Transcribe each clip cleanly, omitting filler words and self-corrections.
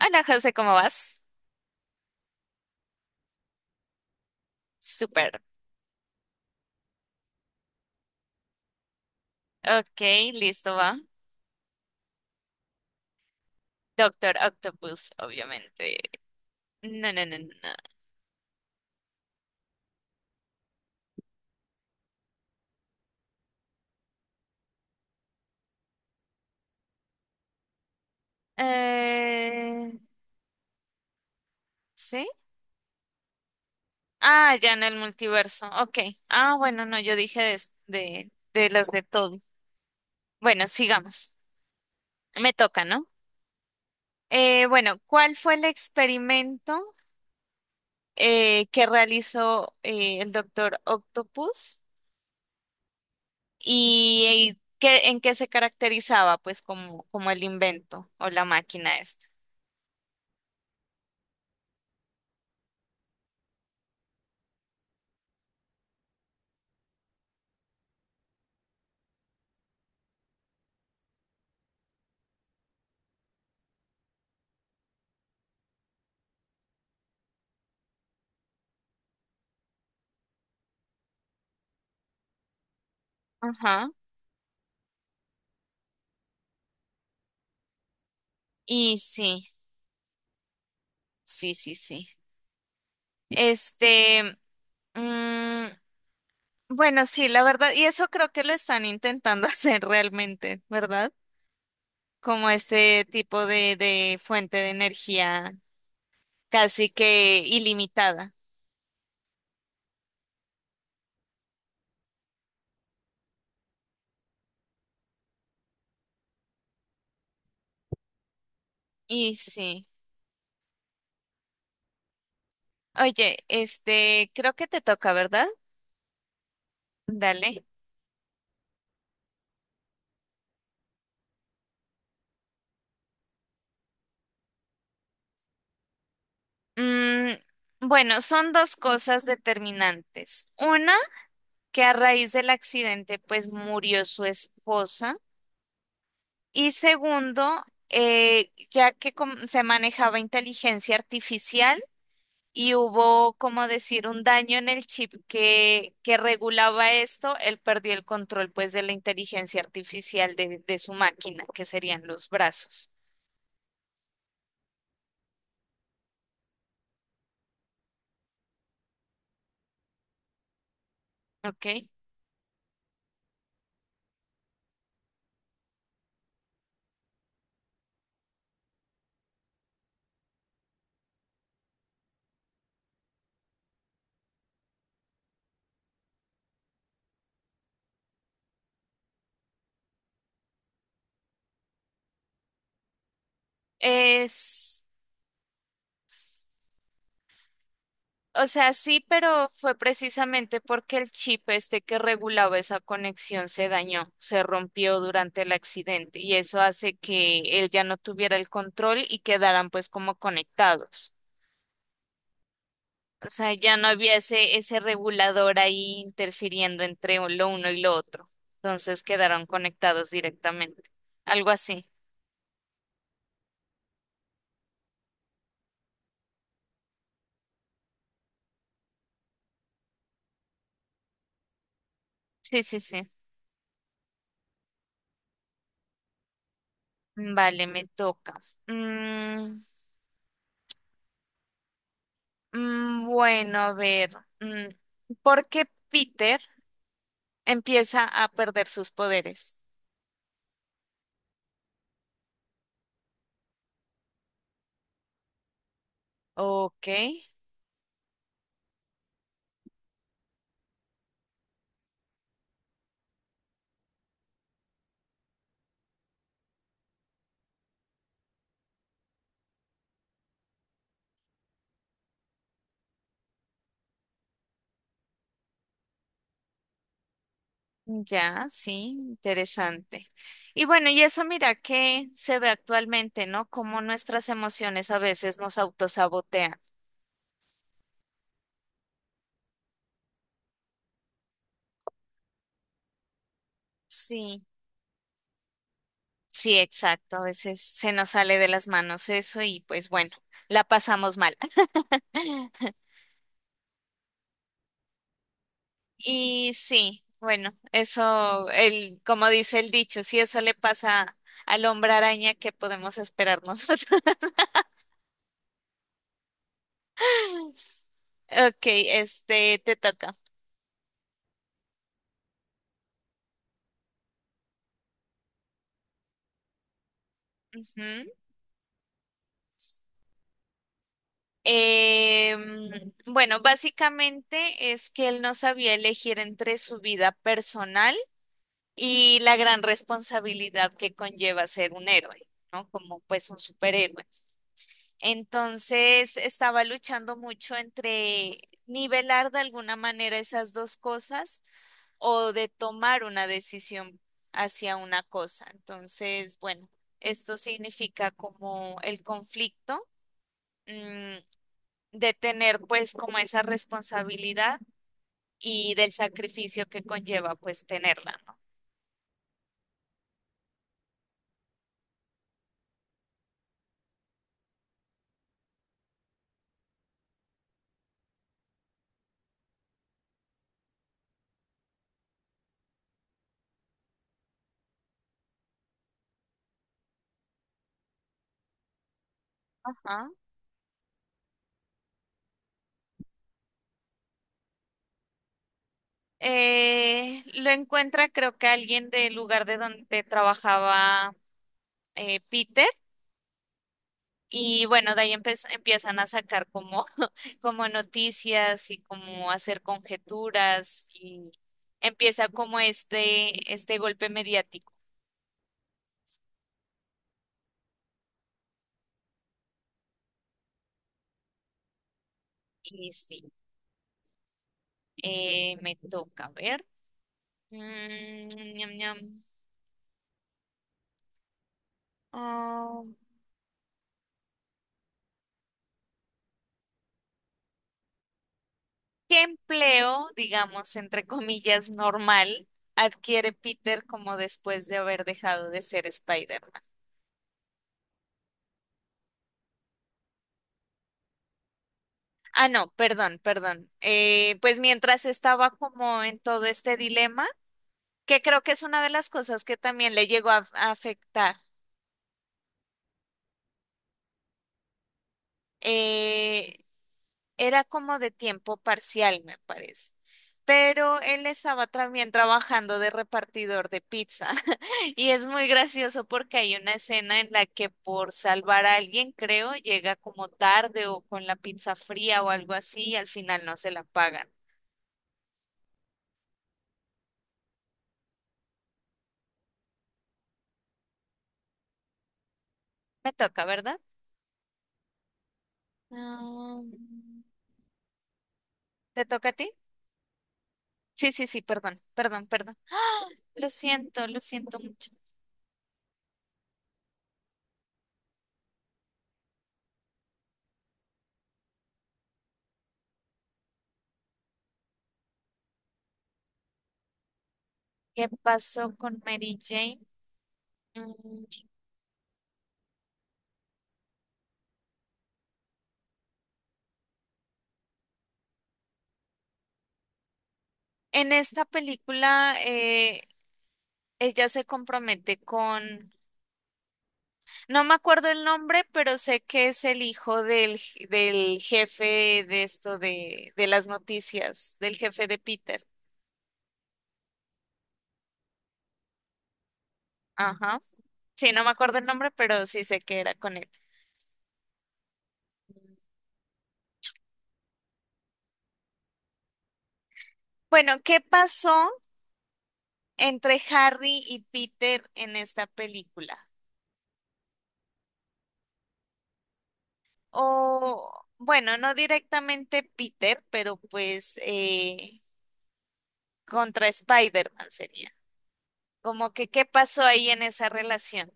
Hola José, ¿cómo vas? Súper. Ok, listo, va. Doctor Octopus, obviamente. No, no, no, no, no. Eh, ¿Sí? Ah, ya en el multiverso. Ok. Ah, bueno, no, yo dije de las de todo. Bueno, sigamos. Me toca, ¿no? Bueno, ¿cuál fue el experimento que realizó el doctor Octopus en qué se caracterizaba, pues, como, como el invento o la máquina esta? Ajá. Y sí, sí, sí, sí. Este, mm, bueno, sí, la verdad, y eso creo que lo están intentando hacer realmente, ¿verdad? Como este tipo de fuente de energía casi que ilimitada. Y sí. Oye, este, creo que te toca, ¿verdad? Dale. Mm, bueno, son dos cosas determinantes. Una, que a raíz del accidente, pues murió su esposa. Y segundo, se manejaba inteligencia artificial y hubo, como decir, un daño en el chip que regulaba esto, él perdió el control, pues, de la inteligencia artificial de su máquina, que serían los brazos. Ok. Es. O sea, sí, pero fue precisamente porque el chip este que regulaba esa conexión se dañó, se rompió durante el accidente y eso hace que él ya no tuviera el control y quedaran pues como conectados. O sea, ya no había ese regulador ahí interfiriendo entre lo uno y lo otro. Entonces quedaron conectados directamente. Algo así. Sí, sí, sí. Vale, me toca. Mm, bueno, a ver. mm, ¿Por qué Peter empieza a perder sus poderes? Ok, ya, sí, interesante. Y bueno, y eso mira que se ve actualmente, ¿no? Cómo nuestras emociones a veces nos autosabotean. Sí, sí, exacto. A veces se nos sale de las manos eso y pues bueno, la pasamos mal. Y sí, bueno, eso, el, como dice el dicho, si eso le pasa al hombre araña, ¿qué podemos esperar nosotros? Ok, este, te toca. Ujú. Bueno, básicamente es que él no sabía elegir entre su vida personal y la gran responsabilidad que conlleva ser un héroe, ¿no? Como pues un superhéroe. Entonces estaba luchando mucho entre nivelar de alguna manera esas dos cosas o de tomar una decisión hacia una cosa. Entonces, bueno, esto significa como el conflicto, mm, de tener pues como esa responsabilidad y del sacrificio que conlleva pues tenerla, ¿no? Ajá. Lo encuentra creo que alguien del lugar de donde trabajaba Peter. Y bueno, de ahí empiezan a sacar como, como noticias y como hacer conjeturas y empieza como este golpe mediático. Y sí, me toca ver. Mm, ñam, ñam. Ah, ¿qué empleo, digamos, entre comillas, normal adquiere Peter como después de haber dejado de ser Spider-Man? Ah, no, perdón, perdón. Pues mientras estaba como en todo este dilema, que creo que es una de las cosas que también le llegó a afectar. Eh, era como de tiempo parcial, me parece. Pero él estaba también trabajando de repartidor de pizza. Y es muy gracioso porque hay una escena en la que por salvar a alguien, creo, llega como tarde o con la pizza fría o algo así y al final no se la pagan. Me toca, ¿verdad? Mm, ¿Te toca a ti? Sí, sí, sí, perdón, perdón, perdón. Lo siento mucho. ¿Qué pasó con Mary Jane? Mm, En esta película, ella se compromete con, no me acuerdo el nombre, pero sé que es el hijo del jefe de esto de las noticias, del jefe de Peter. Ajá. Sí, no me acuerdo el nombre, pero sí sé que era con él. Bueno, ¿qué pasó entre Harry y Peter en esta película? O, bueno, no directamente Peter, pero pues... contra Spider-Man sería. Como que, ¿qué pasó ahí en esa relación?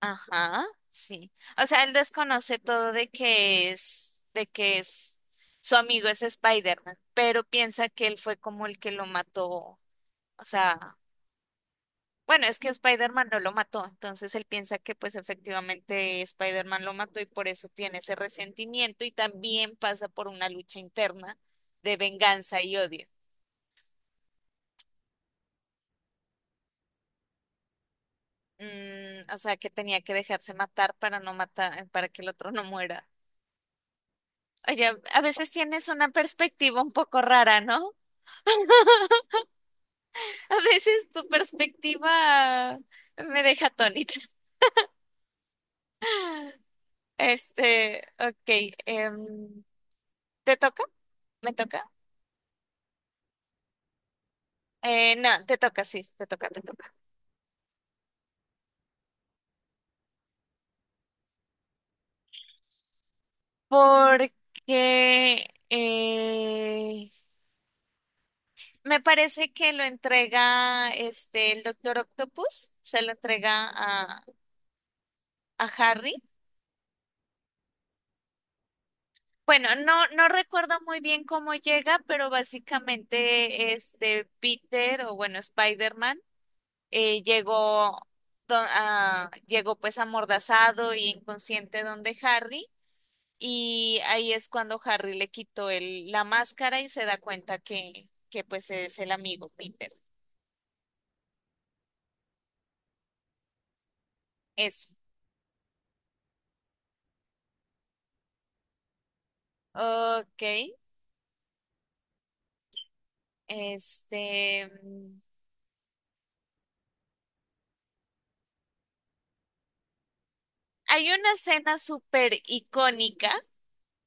Ajá, sí. O sea, él desconoce todo de que es, su amigo es Spider-Man, pero piensa que él fue como el que lo mató. O sea, bueno, es que Spider-Man no lo mató, entonces él piensa que pues efectivamente Spider-Man lo mató y por eso tiene ese resentimiento y también pasa por una lucha interna de venganza y odio. Mm, o sea, que tenía que dejarse matar para no matar, para que el otro no muera. Oye, a veces tienes una perspectiva un poco rara, ¿no? A veces tu perspectiva me deja atónita. Este, ok, em, ¿te toca? ¿Me toca? No, te toca, sí, te toca, te toca. Porque me parece que lo entrega este, el Doctor Octopus, se lo entrega a Harry. Bueno, no, no recuerdo muy bien cómo llega, pero básicamente este Peter o bueno, Spider-Man eh, llegó, llegó pues amordazado y inconsciente donde Harry y ahí es cuando Harry le quitó el, la máscara y se da cuenta que pues es el amigo Peter. Eso. Ok. Este, hay una escena súper icónica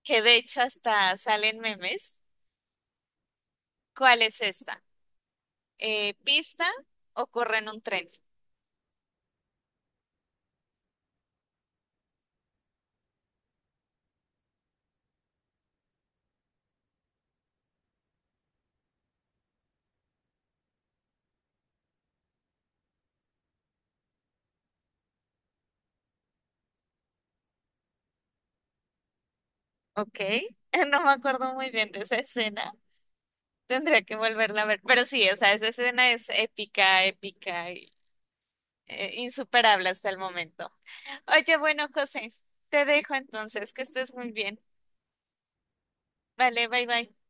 que de hecho hasta salen memes. ¿Cuál es esta? Pista o corre en un tren. Ok, no me acuerdo muy bien de esa escena. Tendría que volverla a ver. Pero sí, o sea, esa escena es épica, épica y insuperable hasta el momento. Oye, bueno, José, te dejo entonces, que estés muy bien. Vale, bye bye.